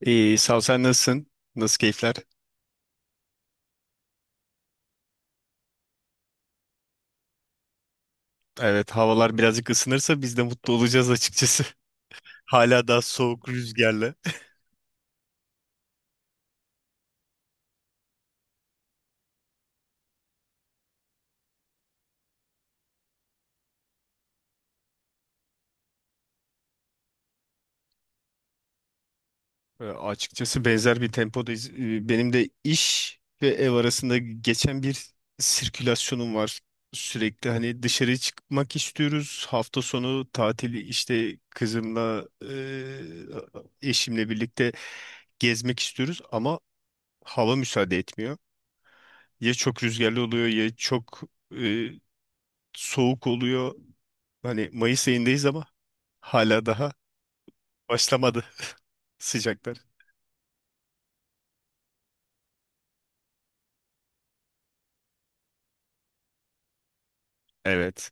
İyi, sağ ol. Sen nasılsın? Nasıl keyifler? Evet, havalar birazcık ısınırsa biz de mutlu olacağız açıkçası. Hala daha soğuk rüzgarla. Açıkçası benzer bir tempodayız. Benim de iş ve ev arasında geçen bir sirkülasyonum var. Sürekli hani dışarı çıkmak istiyoruz. Hafta sonu tatili işte kızımla eşimle birlikte gezmek istiyoruz ama hava müsaade etmiyor. Ya çok rüzgarlı oluyor ya çok ee, soğuk oluyor. Hani Mayıs ayındayız ama hala daha başlamadı sıcaklar. Evet.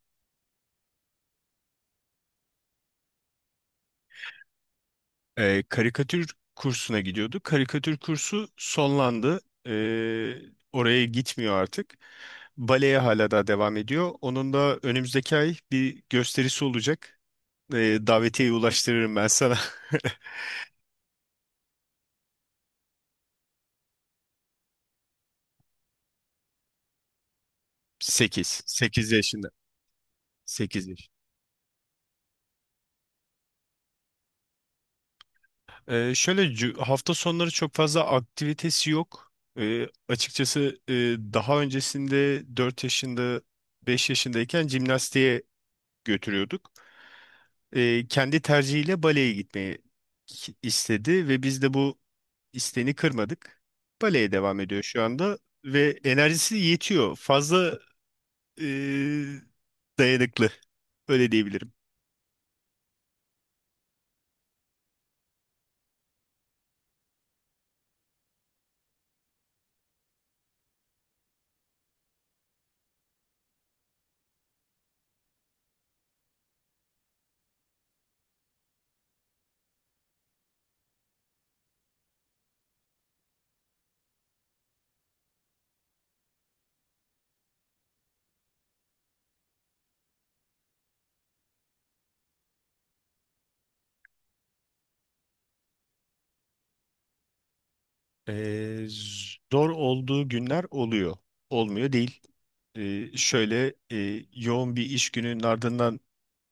Karikatür kursuna gidiyordu. Karikatür kursu sonlandı. Ee, Oraya gitmiyor artık. Baleye hala daha devam ediyor. Onun da önümüzdeki ay bir gösterisi olacak. Davetiyeyi ulaştırırım ben sana. 8, 8 yaşında. Sekiz. Hafta sonları çok fazla aktivitesi yok. Ee, açıkçası e, Daha öncesinde 4 yaşında 5 yaşındayken jimnastiğe götürüyorduk. Kendi tercihiyle baleye gitmeyi istedi ve biz de bu isteğini kırmadık. Baleye devam ediyor şu anda ve enerjisi yetiyor. Fazla e, dayanıklı öyle diyebilirim. Ee, Zor olduğu günler oluyor. Olmuyor değil. Yoğun bir iş gününün ardından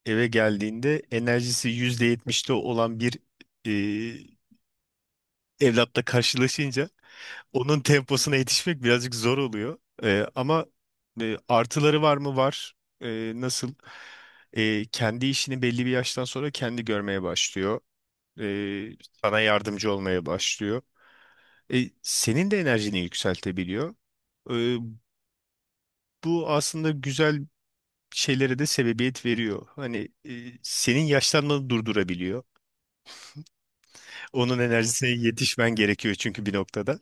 eve geldiğinde enerjisi %70'te olan bir e, evlatla karşılaşınca onun temposuna yetişmek birazcık zor oluyor. Artıları var mı? Var. Nasıl? Kendi işini belli bir yaştan sonra kendi görmeye başlıyor. Ee, Sana yardımcı olmaya başlıyor. Senin de enerjini yükseltebiliyor. E, Bu aslında güzel şeylere de sebebiyet veriyor. Hani senin yaşlanmanı durdurabiliyor. Onun enerjisine yetişmen gerekiyor çünkü bir noktada.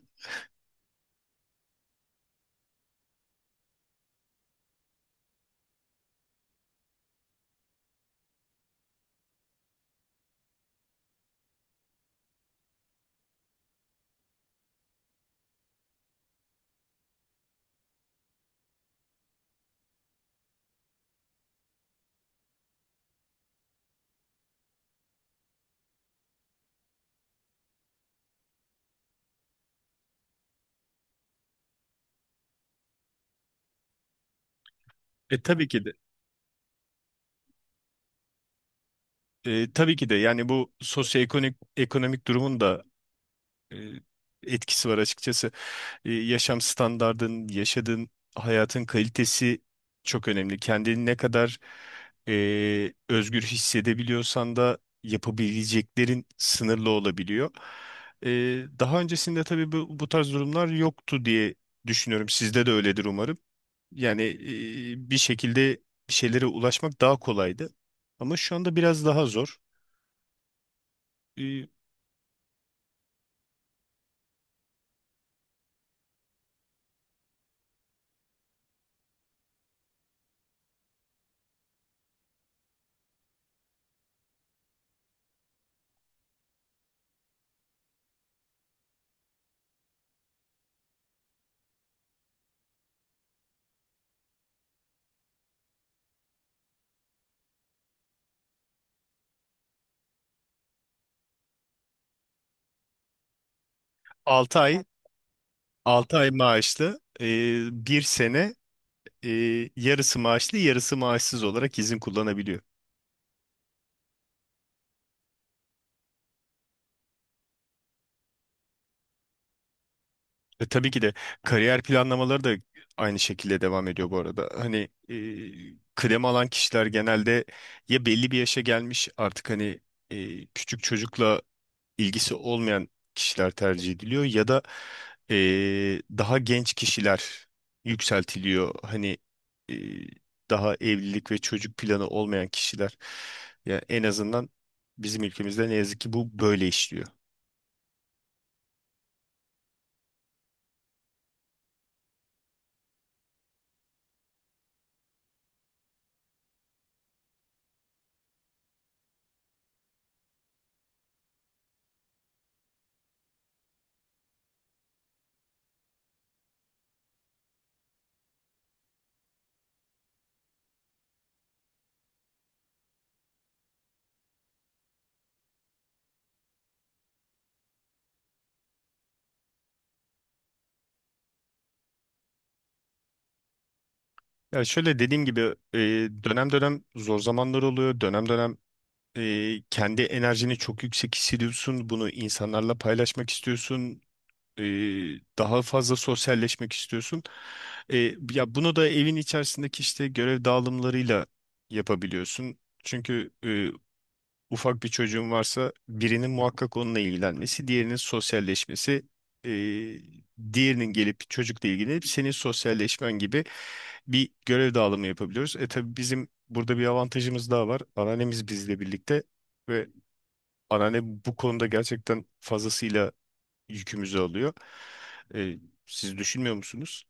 E tabii ki de. Tabii ki de, yani bu ekonomik durumun da e, etkisi var açıkçası. E, yaşam standardın, yaşadığın hayatın kalitesi çok önemli. Kendini ne kadar özgür hissedebiliyorsan da yapabileceklerin sınırlı olabiliyor. E, Daha öncesinde tabii bu tarz durumlar yoktu diye düşünüyorum. Sizde de öyledir umarım. Yani bir şekilde bir şeylere ulaşmak daha kolaydı. Ama şu anda biraz daha zor. E, 6 ay, 6 ay maaşlı, 1 sene e, yarısı maaşlı yarısı maaşsız olarak izin kullanabiliyor. Tabii ki de kariyer planlamaları da aynı şekilde devam ediyor bu arada. Hani kıdem alan kişiler genelde ya belli bir yaşa gelmiş, artık hani küçük çocukla ilgisi olmayan kişiler tercih ediliyor ya da e, daha genç kişiler yükseltiliyor. Hani e, daha evlilik ve çocuk planı olmayan kişiler. Ya en azından bizim ülkemizde ne yazık ki bu böyle işliyor. Ya şöyle dediğim gibi e, dönem dönem zor zamanlar oluyor. Dönem dönem kendi enerjini çok yüksek hissediyorsun. Bunu insanlarla paylaşmak istiyorsun. E, Daha fazla sosyalleşmek istiyorsun. E, ya bunu da evin içerisindeki işte görev dağılımlarıyla yapabiliyorsun. Çünkü ufak bir çocuğun varsa birinin muhakkak onunla ilgilenmesi, diğerinin sosyalleşmesi, eee, diğerinin gelip çocukla ilgilenip senin sosyalleşmen gibi bir görev dağılımı yapabiliyoruz. E tabii bizim burada bir avantajımız daha var. Anneannemiz bizle birlikte ve anneanne bu konuda gerçekten fazlasıyla yükümüzü alıyor. E, Siz düşünmüyor musunuz?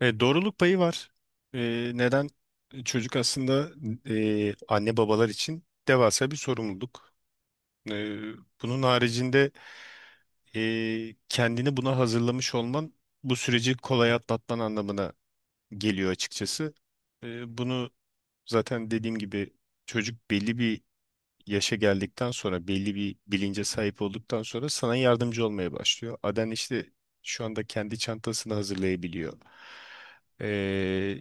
Doğruluk payı var. E, Neden? Çocuk aslında anne babalar için devasa bir sorumluluk. Ee, Bunun haricinde kendini buna hazırlamış olman bu süreci kolay atlatman anlamına geliyor açıkçası. Bunu zaten dediğim gibi çocuk belli bir yaşa geldikten sonra belli bir bilince sahip olduktan sonra sana yardımcı olmaya başlıyor. Aden işte şu anda kendi çantasını hazırlayabiliyor. Ee,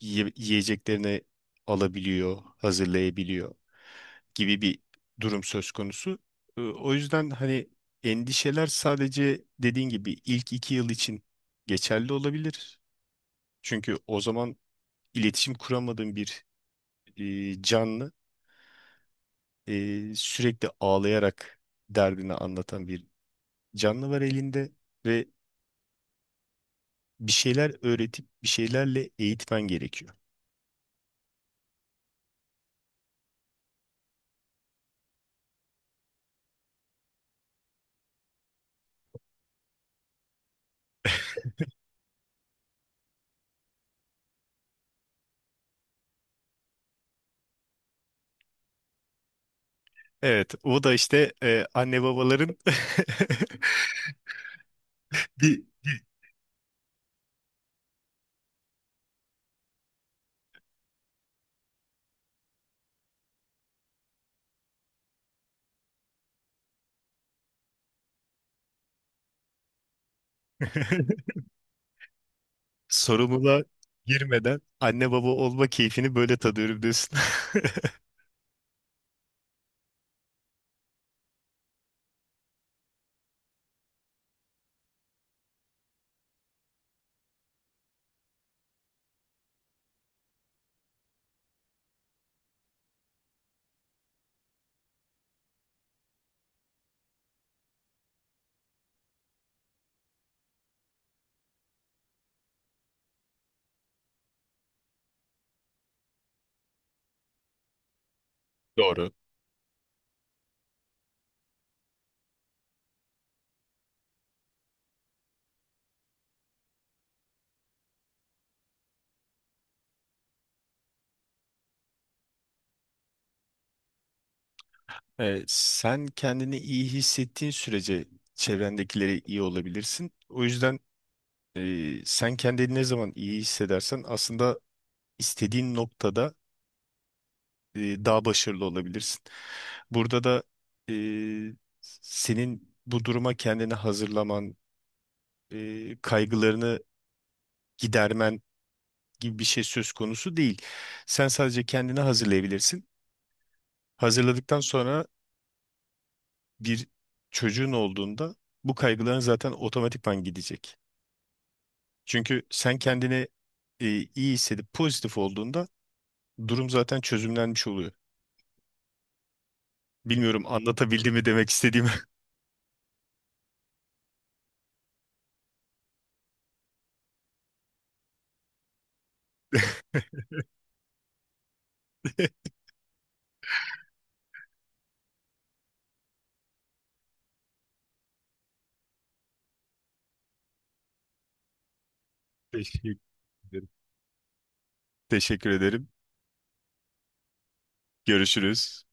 Yiyeceklerini alabiliyor, hazırlayabiliyor gibi bir durum söz konusu. O yüzden hani endişeler sadece dediğin gibi ilk iki yıl için geçerli olabilir. Çünkü o zaman iletişim kuramadığın bir canlı, sürekli ağlayarak derdini anlatan bir canlı var elinde ve bir şeyler öğretip bir şeylerle eğitmen gerekiyor. Evet, o da işte anne babaların bir sorumluluğa girmeden anne baba olma keyfini böyle tadıyorum diyorsun. Doğru. Sen kendini iyi hissettiğin sürece çevrendekilere iyi olabilirsin. O yüzden e, sen kendini ne zaman iyi hissedersen aslında istediğin noktada daha başarılı olabilirsin. Burada da e, senin bu duruma kendini hazırlaman, kaygılarını gidermen gibi bir şey söz konusu değil. Sen sadece kendini hazırlayabilirsin. Hazırladıktan sonra bir çocuğun olduğunda bu kaygıların zaten otomatikman gidecek. Çünkü sen kendini e, iyi hissedip pozitif olduğunda durum zaten çözümlenmiş oluyor. Bilmiyorum anlatabildim mi demek istediğimi. Teşekkür ederim. Teşekkür ederim. Görüşürüz.